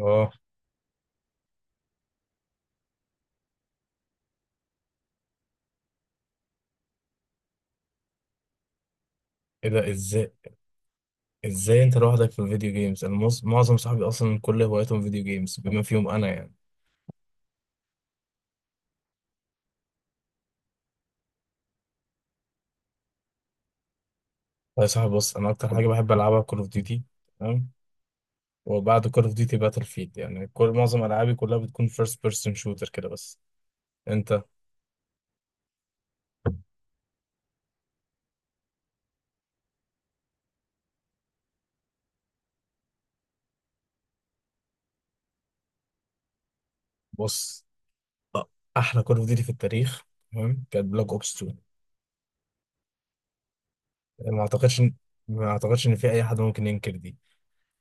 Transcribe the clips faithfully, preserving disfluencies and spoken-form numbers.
اه ايه ده؟ ازاي ازاي انت لوحدك في الفيديو جيمز؟ انا مص- معظم صحابي اصلا كل هواياتهم فيديو جيمز بما فيهم انا يعني. طيب يا صاحبي، بص، انا اكتر حاجه بحب العبها كول اوف ديوتي. تمام. وبعد كول اوف ديوتي باتل فيلد، يعني كل معظم العابي كلها بتكون فيرست بيرسون شوتر كده بس. انت؟ بص. أ- احلى كول اوف ديوتي في التاريخ، تمام، كانت بلاك اوبس تو. ما اعتقدش إن- ما اعتقدش ان في اي حد ممكن ينكر دي.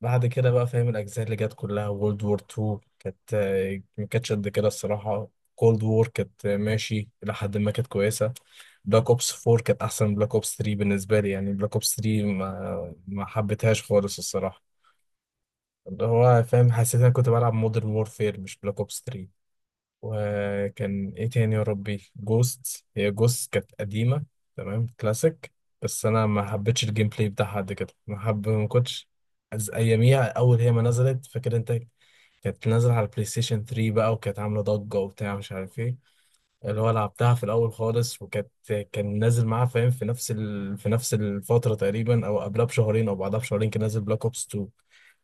بعد كده بقى، فاهم، الأجزاء اللي جت كلها، وورلد وور تو كانت آه، ما كانتش قد كده الصراحة. كولد وور كانت آه، ماشي إلى حد ما، كانت كويسة. بلاك أوبس فور كانت أحسن من بلاك أوبس ثري بالنسبة لي، يعني بلاك أوبس ثري ما ما حبيتهاش خالص الصراحة. اللي هو فاهم، حسيت إن أنا كنت بلعب مودرن وورفير مش بلاك أوبس تلاتة. وكان ايه تاني يا ربي؟ جوست. هي جوست كانت قديمة، تمام، كلاسيك. بس انا ما حبيتش الجيم بلاي بتاعها قد كده. ما حب ما كنتش از- اياميها اول هي ما نزلت، فاكر انت، كانت نازلة على البلاي ستيشن ثلاثة بقى، وكانت عاملة ضجة وبتاع مش عارف إيه. اللي هو لعبتها في الاول خالص، وكانت كان نازل معاه فاهم في نفس ال... في نفس الفتره تقريبا، او قبلها بشهرين او بعدها بشهرين كان نازل بلاك اوبس تو.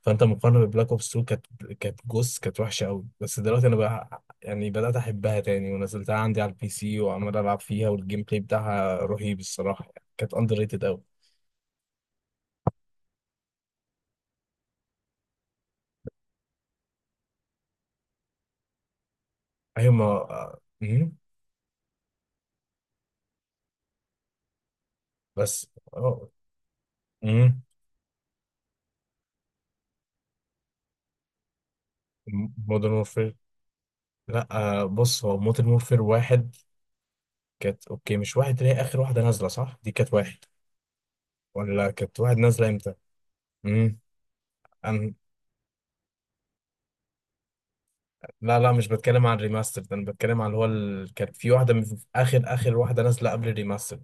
فانت مقارنه ببلاك اوبس تو، كانت كانت جوس كانت وحشه قوي. بس دلوقتي انا بقى يعني بدات احبها تاني ونزلتها عندي على البي سي وعمال العب فيها، والجيم بلاي بتاعها رهيب الصراحه، يعني كانت اندر ريتد قوي. ايوه ما آه، مم. بس اه. مودرن وورفير، لا آه، بص هو مودرن وورفير واحد كانت اوكي. مش واحد اللي هي اخر واحده نازله، صح؟ دي كانت واحد، ولا كانت واحد نازله امتى؟ امم. أنا... لا لا، مش بتكلم عن الريماستر ده، انا بتكلم عن اللي هو ال... كان في واحده من اخر اخر واحده نازله قبل الريماستر.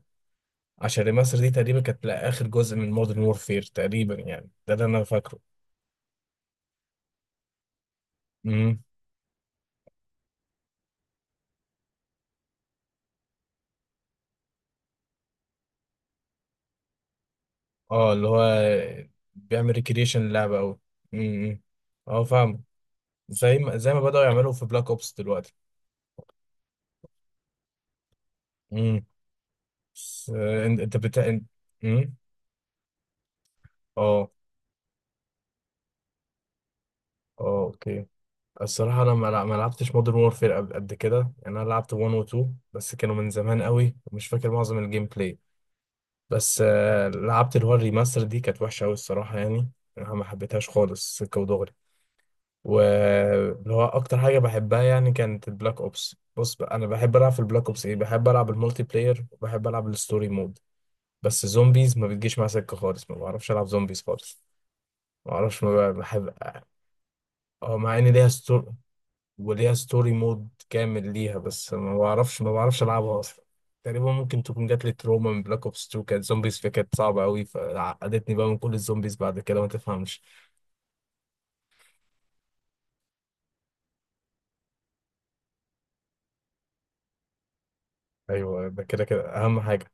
عشان الريماستر دي تقريبا كانت، لا، اخر جزء من مودرن وورفير تقريبا يعني، ده اللي انا فاكره. امم. اه. اللي هو بيعمل ريكريشن اللعبه قوي. امم. اه فاهم. زي ما زي ما بدأوا يعملوا في بلاك اوبس دلوقتي. امم. بس، آه، انت أنت بتا... أنت- امم. اه. اه اوكي. الصراحة أنا ما لع- ما لعبتش مودرن وورفير قبل قد كده. يعني أنا لعبت واحد و اتنين بس، كانوا من زمان قوي ومش فاكر معظم الجيم بلاي. بس آه، لعبت اللي هو الريماستر دي، كانت وحشة قوي الصراحة يعني. أنا ما حبيتهاش خالص، سكة ودغري. واللي هو أكتر حاجة بحبها يعني كانت البلاك أوبس. بص بقى، أنا بحب ألعب في البلاك أوبس إيه؟ بحب ألعب المولتي بلاير، وبحب ألعب الستوري مود. بس زومبيز ما بتجيش مع سكة خالص، ما بعرفش ألعب زومبيز خالص. ما بعرفش ما بحب. اه مع ان ليها ستوري، وليها ستوري مود كامل ليها، بس ما بعرفش، ما بعرفش العبها اصلا. تقريبا ممكن تكون جات لي تروما من بلاك اوبس اتنين، كانت زومبيز فيها كانت صعبه قوي، فعقدتني بقى من كل الزومبيز بعد كده، ما تفهمش. ايوه ده كده كده اهم حاجه.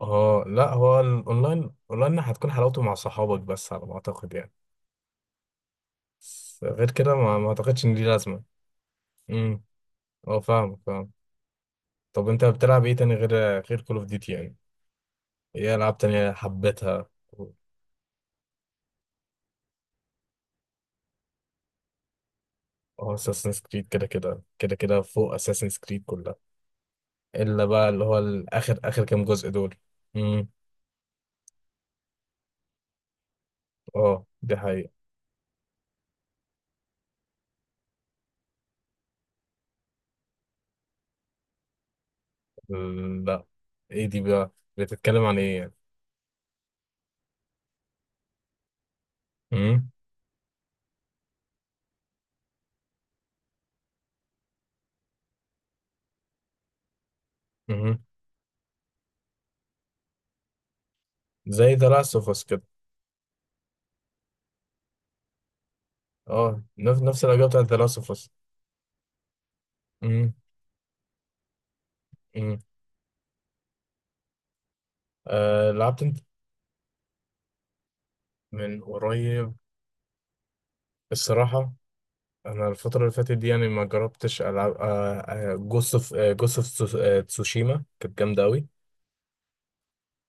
اه لا، هو الاونلاين، اونلاين هتكون حلاوته مع صحابك بس على ما اعتقد يعني. بس غير كده ما, ما اعتقدش ان دي لازمه. امم. اه فاهم فاهم. طب انت بتلعب ايه تاني غير غير كول اوف ديوتي يعني؟ ايه العاب تانية حبيتها؟ هو اساسنز كريد كده كده كده كده فوق اساسنز كريد كلها، الا بقى اللي هو الاخر، اخر كام جزء دول. امم. اه دي حقيقة. لا. ايه دي بقى؟ بتتكلم عن ايه يعني؟ امم. امم. زي ذا لاست اوف اس كده. اه، نفس نفس الاجواء بتاعت ذا لاست اوف اس. امم. امم. آه لعبت انت؟ من قريب؟ الصراحة انا الفترة اللي فاتت دي يعني ما جربتش العب، آه، جوست اوف جوست اوف تسوشيما، كانت جامدة قوي.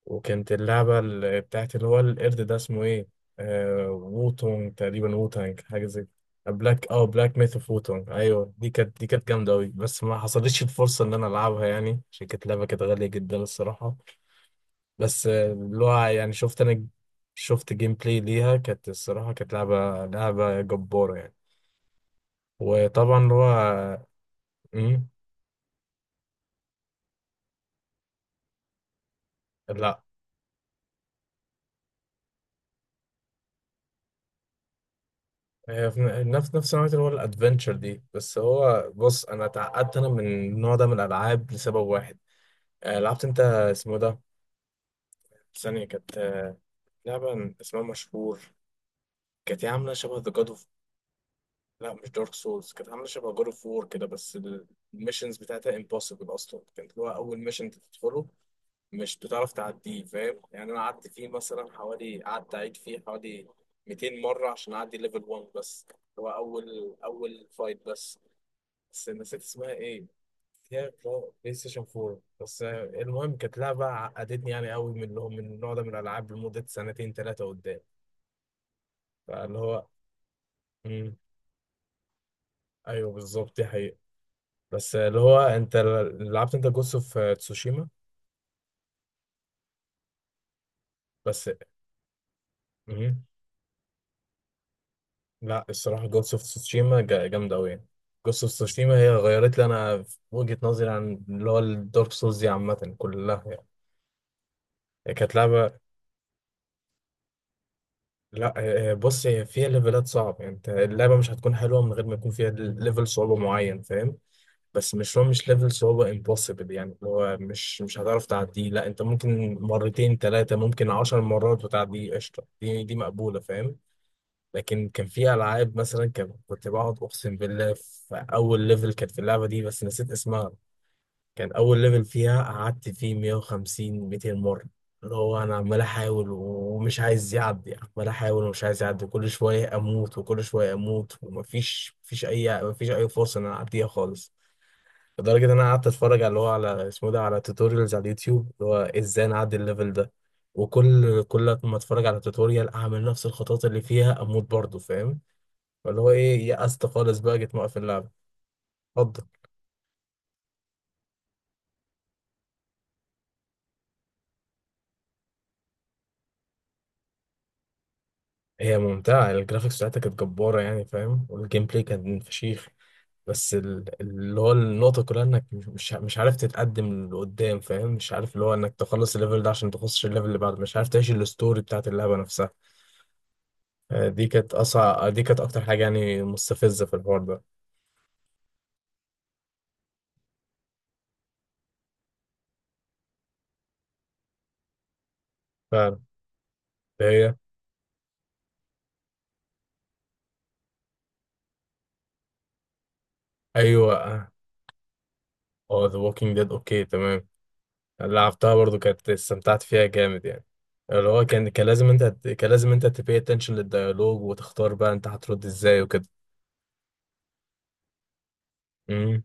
وكانت اللعبة ال- بتاعت اللي هو القرد ده، اسمه ايه؟ آه ووتونج تقريبا، ووتانج حاجة زي كده. بلاك، اه، بلاك ميث اوف ووتونج. ايوه، دي كانت دي كانت جامدة أوي، بس ما حصلتش الفرصة إن أنا ألعبها يعني عشان كانت لعبة كانت غالية جدا الصراحة. بس آه، اللي هو يعني شفت أنا، شفت جيم بلاي ليها، كانت الصراحة كانت لعبة لعبة جبارة يعني. وطبعا اللي هو آه، مم، لا هي في نفس نفس نوعية اللي هو الادفنتشر دي. بس هو بص، انا اتعقدت انا من النوع ده من الالعاب لسبب واحد. آه، لعبت انت اسمه ده؟ ثانية كانت، آه، لعبة اسمها مشهور، كانت هي عاملة شبه ذا جاد اوف. لا مش دارك سولز، كانت عاملة شبه جاد اوف وور كده بس. الميشنز بتاعتها امبوسيبل اصلا، كانت هو اول ميشن تدخله مش بتعرف تعديه فاهم يعني. انا قعدت فيه مثلا حوالي، قعدت اعيد فيه حوالي 200 مرة عشان اعدي ليفل واحد بس. هو اول اول فايت بس. بس نسيت اسمها ايه. هي بلاي بلاي ستيشن فور بس. المهم كانت لعبة عقدتني يعني قوي من اللي هو من النوع ده من الألعاب، لمدة سنتين ثلاثة قدام. فاللي هو، مم. أيوه بالظبط دي حقيقة. بس اللي هو أنت، لعبت أنت جوست أوف تسوشيما؟ بس، مم. لا الصراحة جوست أوف تسوشيما جا- جامدة أوي يعني. جوست أوف تسوشيما هي غيرت لي أنا في وجهة نظري عن اللي هو الدارك سولز دي عامة كلها يعني. هي كانت لعبة، لا آه، آه، بص هي فيها ليفلات صعب، يعني انت اللعبه مش هتكون حلوه من غير ما يكون فيها ليفل صعوبه معين فاهم. بس مش هو، مش ليفل صعوبه امبوسيبل يعني، اللي هو مش مش هتعرف تعديه. لا انت ممكن مرتين ثلاثه ممكن عشر مرات وتعديه قشطه، دي دي مقبوله فاهم. لكن كان في العاب مثلا كان- كنت بقعد اقسم بالله في اول ليفل كانت في اللعبه دي، بس نسيت اسمها. كان اول ليفل فيها قعدت فيه مئة وخمسين ميتين مره، اللي هو انا عمال احاول ومش عايز يعدي، عمال احاول ومش عايز يعدي، كل شويه اموت وكل شويه اموت، ومفيش مفيش اي مفيش اي فرصه ان انا اعديها خالص. لدرجه ان انا قعدت اتفرج على اللي هو على اسمه ده، على توتوريالز على اليوتيوب، اللي هو ازاي نعدي الليفل ده. وكل كل ما اتفرج على توتوريال اعمل نفس الخطوات اللي فيها اموت برضه فاهم. فاللي هو ايه، يأست خالص بقى، جيت موقف اللعبه. اتفضل. هي ممتعة، الجرافيكس بتاعتها كانت جبارة يعني فاهم، والجيم بلاي كان فشيخ. بس ال- اللي هو النقطة كلها انك مش، مش مش عارف تتقدم لقدام فاهم. مش عارف اللي هو انك تخلص الليفل ده عشان تخش الليفل اللي بعده، مش عارف تعيش الستوري بتاعت اللعبة نفسها. آه، دي كانت اصعب، دي كانت اكتر حاجة يعني مستفزة في الحوار ده. فعلا. هي. ايوه. اه ذا ووكينج ديد، اوكي تمام، لعبتها برضو كانت استمتعت فيها جامد يعني. اللي هو كان، كان لازم انت، كان لازم انت تبي اتنشن للديالوج وتختار بقى انت هترد ازاي وكده. امم.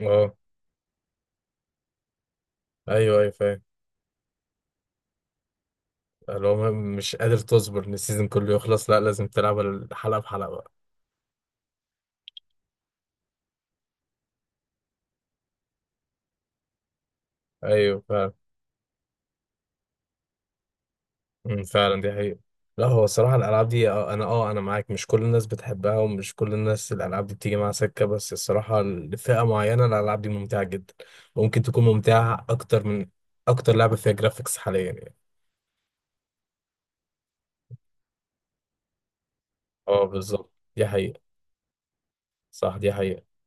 اه. ايوه ايوه فاهم. اللي هو م- مش قادر تصبر ان السيزون كله يخلص، لا لازم تلعب الحلقه بحلقه بقى. ايوه فعلا. امم فعلا دي حقيقه. لا هو الصراحه الالعاب دي، آه، انا اه انا معاك، مش كل الناس بتحبها ومش كل الناس الالعاب دي بتيجي معاها سكه، بس الصراحه لفئه معينه الالعاب دي ممتعه جدا. ممكن تكون ممتعه اكتر من اكتر لعبه فيها جرافيكس حاليا يعني. اه بالظبط دي حقيقه. صح دي حقيقه.